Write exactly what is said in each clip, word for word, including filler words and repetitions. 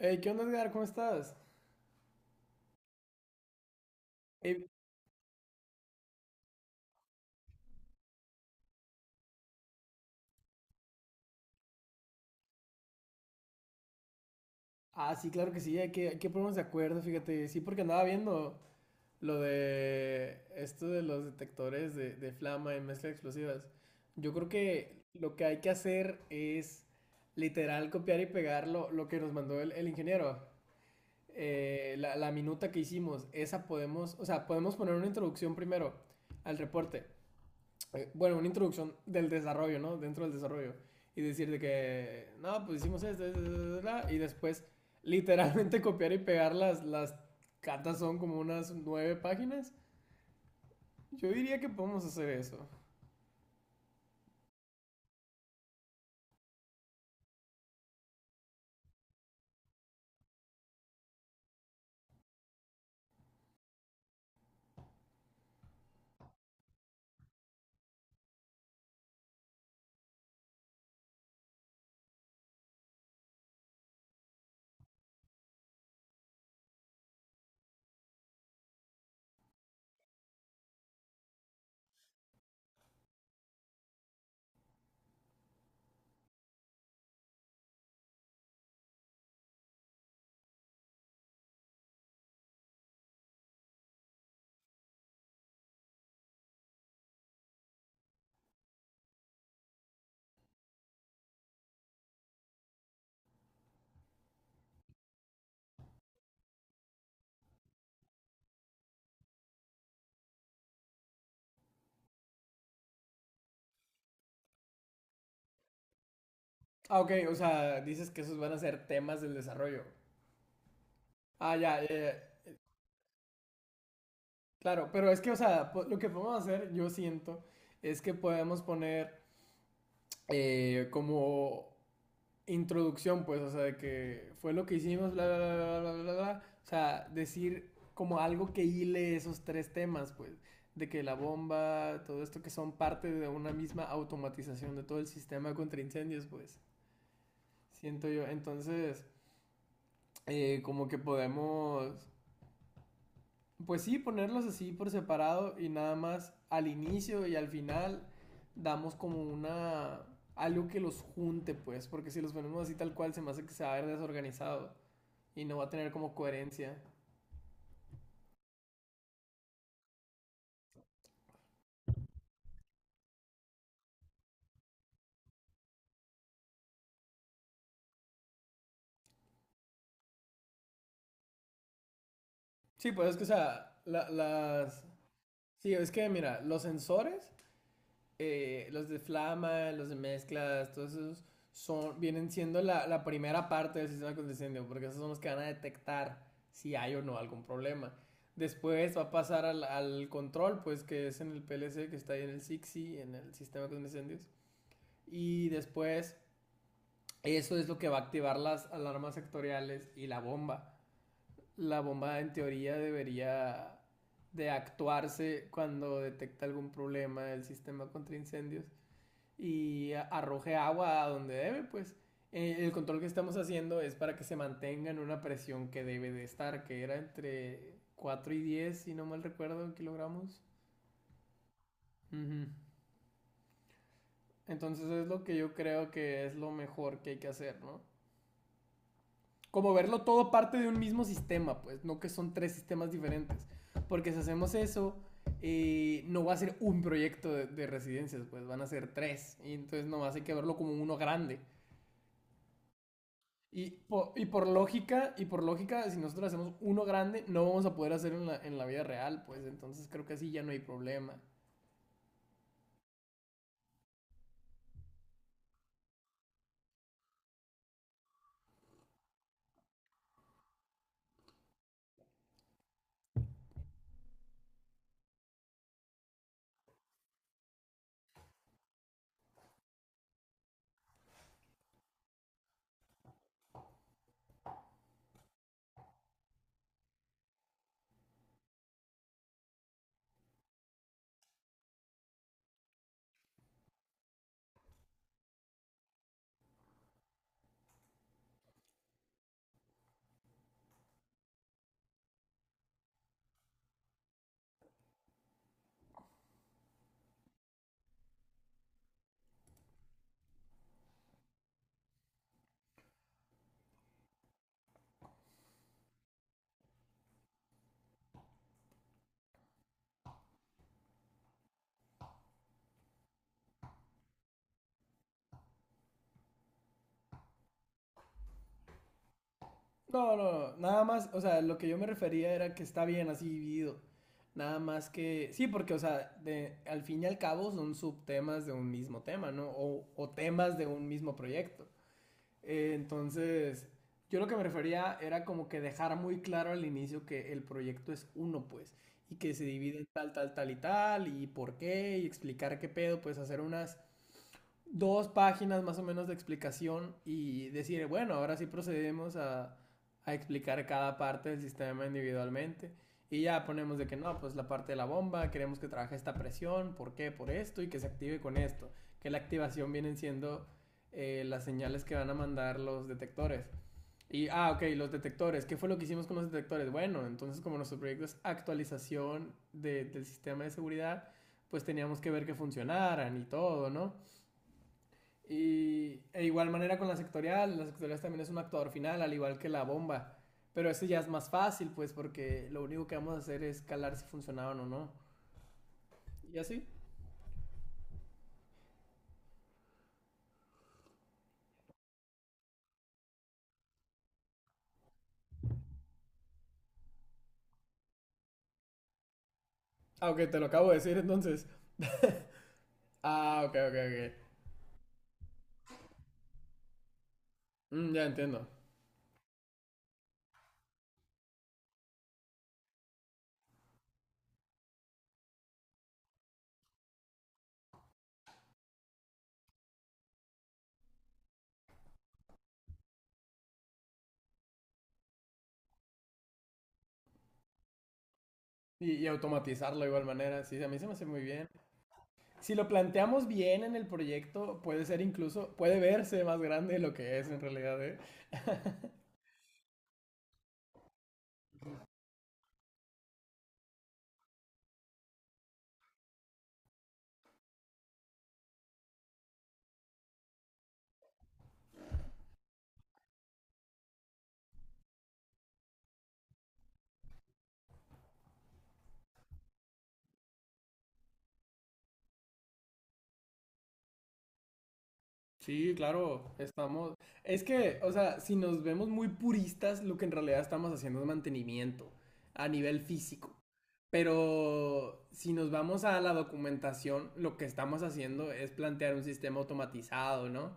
Hey, ¿qué onda, Edgar? ¿Cómo estás? Eh, ah, sí, claro que sí, hay que, hay que ponernos de acuerdo, fíjate. Sí, porque andaba viendo lo de esto de los detectores de, de flama y mezcla de explosivas. Yo creo que lo que hay que hacer es literal copiar y pegar lo, lo que nos mandó el, el ingeniero. Eh, la, la minuta que hicimos, esa podemos, o sea, podemos poner una introducción primero al reporte. Eh, bueno, una introducción del desarrollo, ¿no? Dentro del desarrollo. Y decir de que, no, pues hicimos esto, esto, esto, esto", y después literalmente copiar y pegar las, las cartas son como unas nueve páginas. Yo diría que podemos hacer eso. Ah, ok, o sea, dices que esos van a ser temas del desarrollo. Ah, ya, ya, ya. Claro, pero es que, o sea, po- lo que podemos hacer, yo siento, es que podemos poner eh, como introducción, pues, o sea, de que fue lo que hicimos, bla, bla, bla, bla, bla, bla, bla. O sea, decir como algo que hile esos tres temas, pues, de que la bomba, todo esto que son parte de una misma automatización de todo el sistema contra incendios, pues, siento yo. Entonces, eh, como que podemos, pues sí, ponerlos así por separado y nada más al inicio y al final damos como una algo que los junte, pues, porque si los ponemos así tal cual se me hace que se va a ver desorganizado y no va a tener como coherencia. Sí, pues es que, o sea, la- las... Sí, es que, mira, los sensores, eh, los de flama, los de mezclas, todos esos son, vienen siendo la, la primera parte del sistema de incendio, porque esos son los que van a detectar si hay o no algún problema. Después va a pasar al, al control, pues que es en el P L C, que está ahí en el SIXI, en el sistema de incendios. Y después, eso es lo que va a activar las alarmas sectoriales y la bomba. La bomba en teoría debería de actuarse cuando detecta algún problema del sistema contra incendios y arroje agua a donde debe, pues. Eh, El control que estamos haciendo es para que se mantenga en una presión que debe de estar, que era entre cuatro y diez si no mal recuerdo, kilogramos. Ujú. Entonces es lo que yo creo que es lo mejor que hay que hacer, ¿no? Como verlo todo parte de un mismo sistema, pues, no que son tres sistemas diferentes. Porque si hacemos eso, eh, no va a ser un proyecto de, de, residencias, pues van a ser tres. Y entonces nomás hay que verlo como uno grande. Y por, y por lógica, y por lógica, si nosotros hacemos uno grande, no vamos a poder hacer en la, en la vida real, pues entonces creo que así ya no hay problema. No, no, no, nada más, o sea, lo que yo me refería era que está bien así dividido. Nada más que, sí, porque, o sea, de, al fin y al cabo son subtemas de un mismo tema, ¿no? O, o temas de un mismo proyecto. Eh, entonces, yo lo que me refería era como que dejar muy claro al inicio que el proyecto es uno, pues, y que se divide en tal, tal, tal y tal, y por qué, y explicar qué pedo, pues hacer unas dos páginas más o menos de explicación y decir, bueno, ahora sí procedemos a, a explicar cada parte del sistema individualmente. Y ya ponemos de que no, pues la parte de la bomba, queremos que trabaje esta presión, ¿por qué? Por esto y que se active con esto. Que la activación vienen siendo eh, las señales que van a mandar los detectores. Y, ah, ok, los detectores. ¿Qué fue lo que hicimos con los detectores? Bueno, entonces como nuestro proyecto es actualización de- del sistema de seguridad, pues teníamos que ver que funcionaran y todo, ¿no? Y e igual manera con la sectorial, la sectorial también es un actuador final, al igual que la bomba. Pero ese ya es más fácil, pues, porque lo único que vamos a hacer es calar si funcionaban o no. Y así. Ah, ok, te lo acabo de decir entonces. Ah, ok, ok, ok. Mm, ya entiendo. Y, y automatizarlo de igual manera. Sí, a mí se me hace muy bien. Si lo planteamos bien en el proyecto, puede ser incluso, puede verse más grande de lo que es en realidad, ¿eh? Sí, claro, estamos. Es que, o sea, si nos vemos muy puristas, lo que en realidad estamos haciendo es mantenimiento a nivel físico. Pero si nos vamos a la documentación, lo que estamos haciendo es plantear un sistema automatizado, ¿no?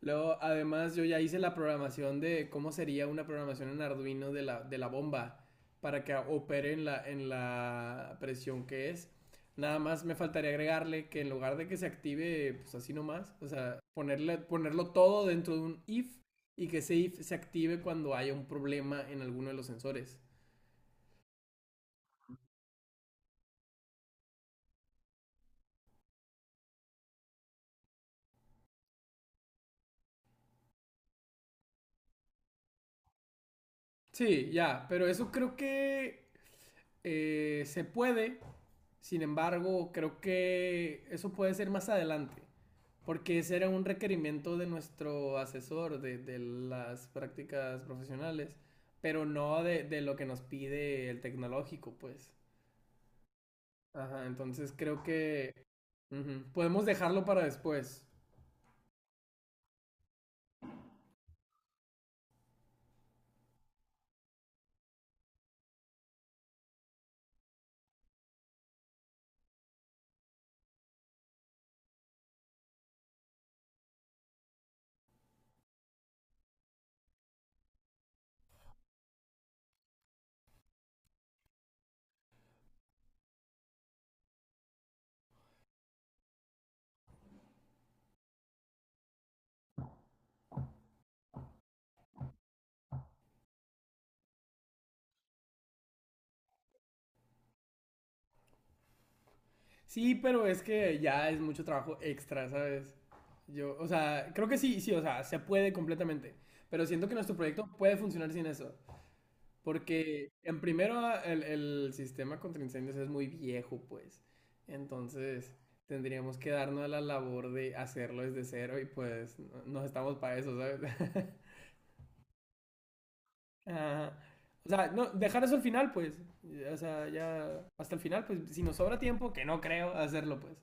Luego, además, yo ya hice la programación de cómo sería una programación en Arduino de la, de la bomba para que opere en la, en la presión que es. Nada más me faltaría agregarle que en lugar de que se active, pues así nomás, o sea, ponerle, ponerlo todo dentro de un if y que ese if se active cuando haya un problema en alguno de los sensores. Sí, ya, pero eso creo que eh, se puede, sin embargo, creo que eso puede ser más adelante. Porque ese era un requerimiento de nuestro asesor de, de las prácticas profesionales, pero no de, de lo que nos pide el tecnológico, pues. Ajá, entonces creo que ujú, podemos dejarlo para después. Sí, pero es que ya es mucho trabajo extra, ¿sabes? Yo, o sea, creo que sí, sí, o sea, se puede completamente, pero siento que nuestro proyecto puede funcionar sin eso. Porque en primero el, el sistema contra incendios es muy viejo, pues. Entonces tendríamos que darnos a la labor de hacerlo desde cero y pues no, no estamos para eso, ¿sabes? Ah, o sea, no, dejar eso al final, pues. O sea, ya hasta el final, pues si nos sobra tiempo, que no creo hacerlo, pues.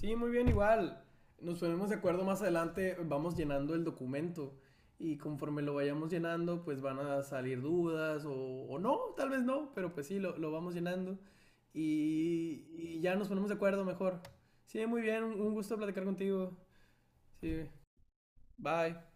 Sí, muy bien, igual. Nos ponemos de acuerdo más adelante, vamos llenando el documento y conforme lo vayamos llenando, pues van a salir dudas o, o no, tal vez no, pero pues sí, lo, lo vamos llenando y, y ya nos ponemos de acuerdo mejor. Sí, muy bien, un un gusto platicar contigo. Sí, bye.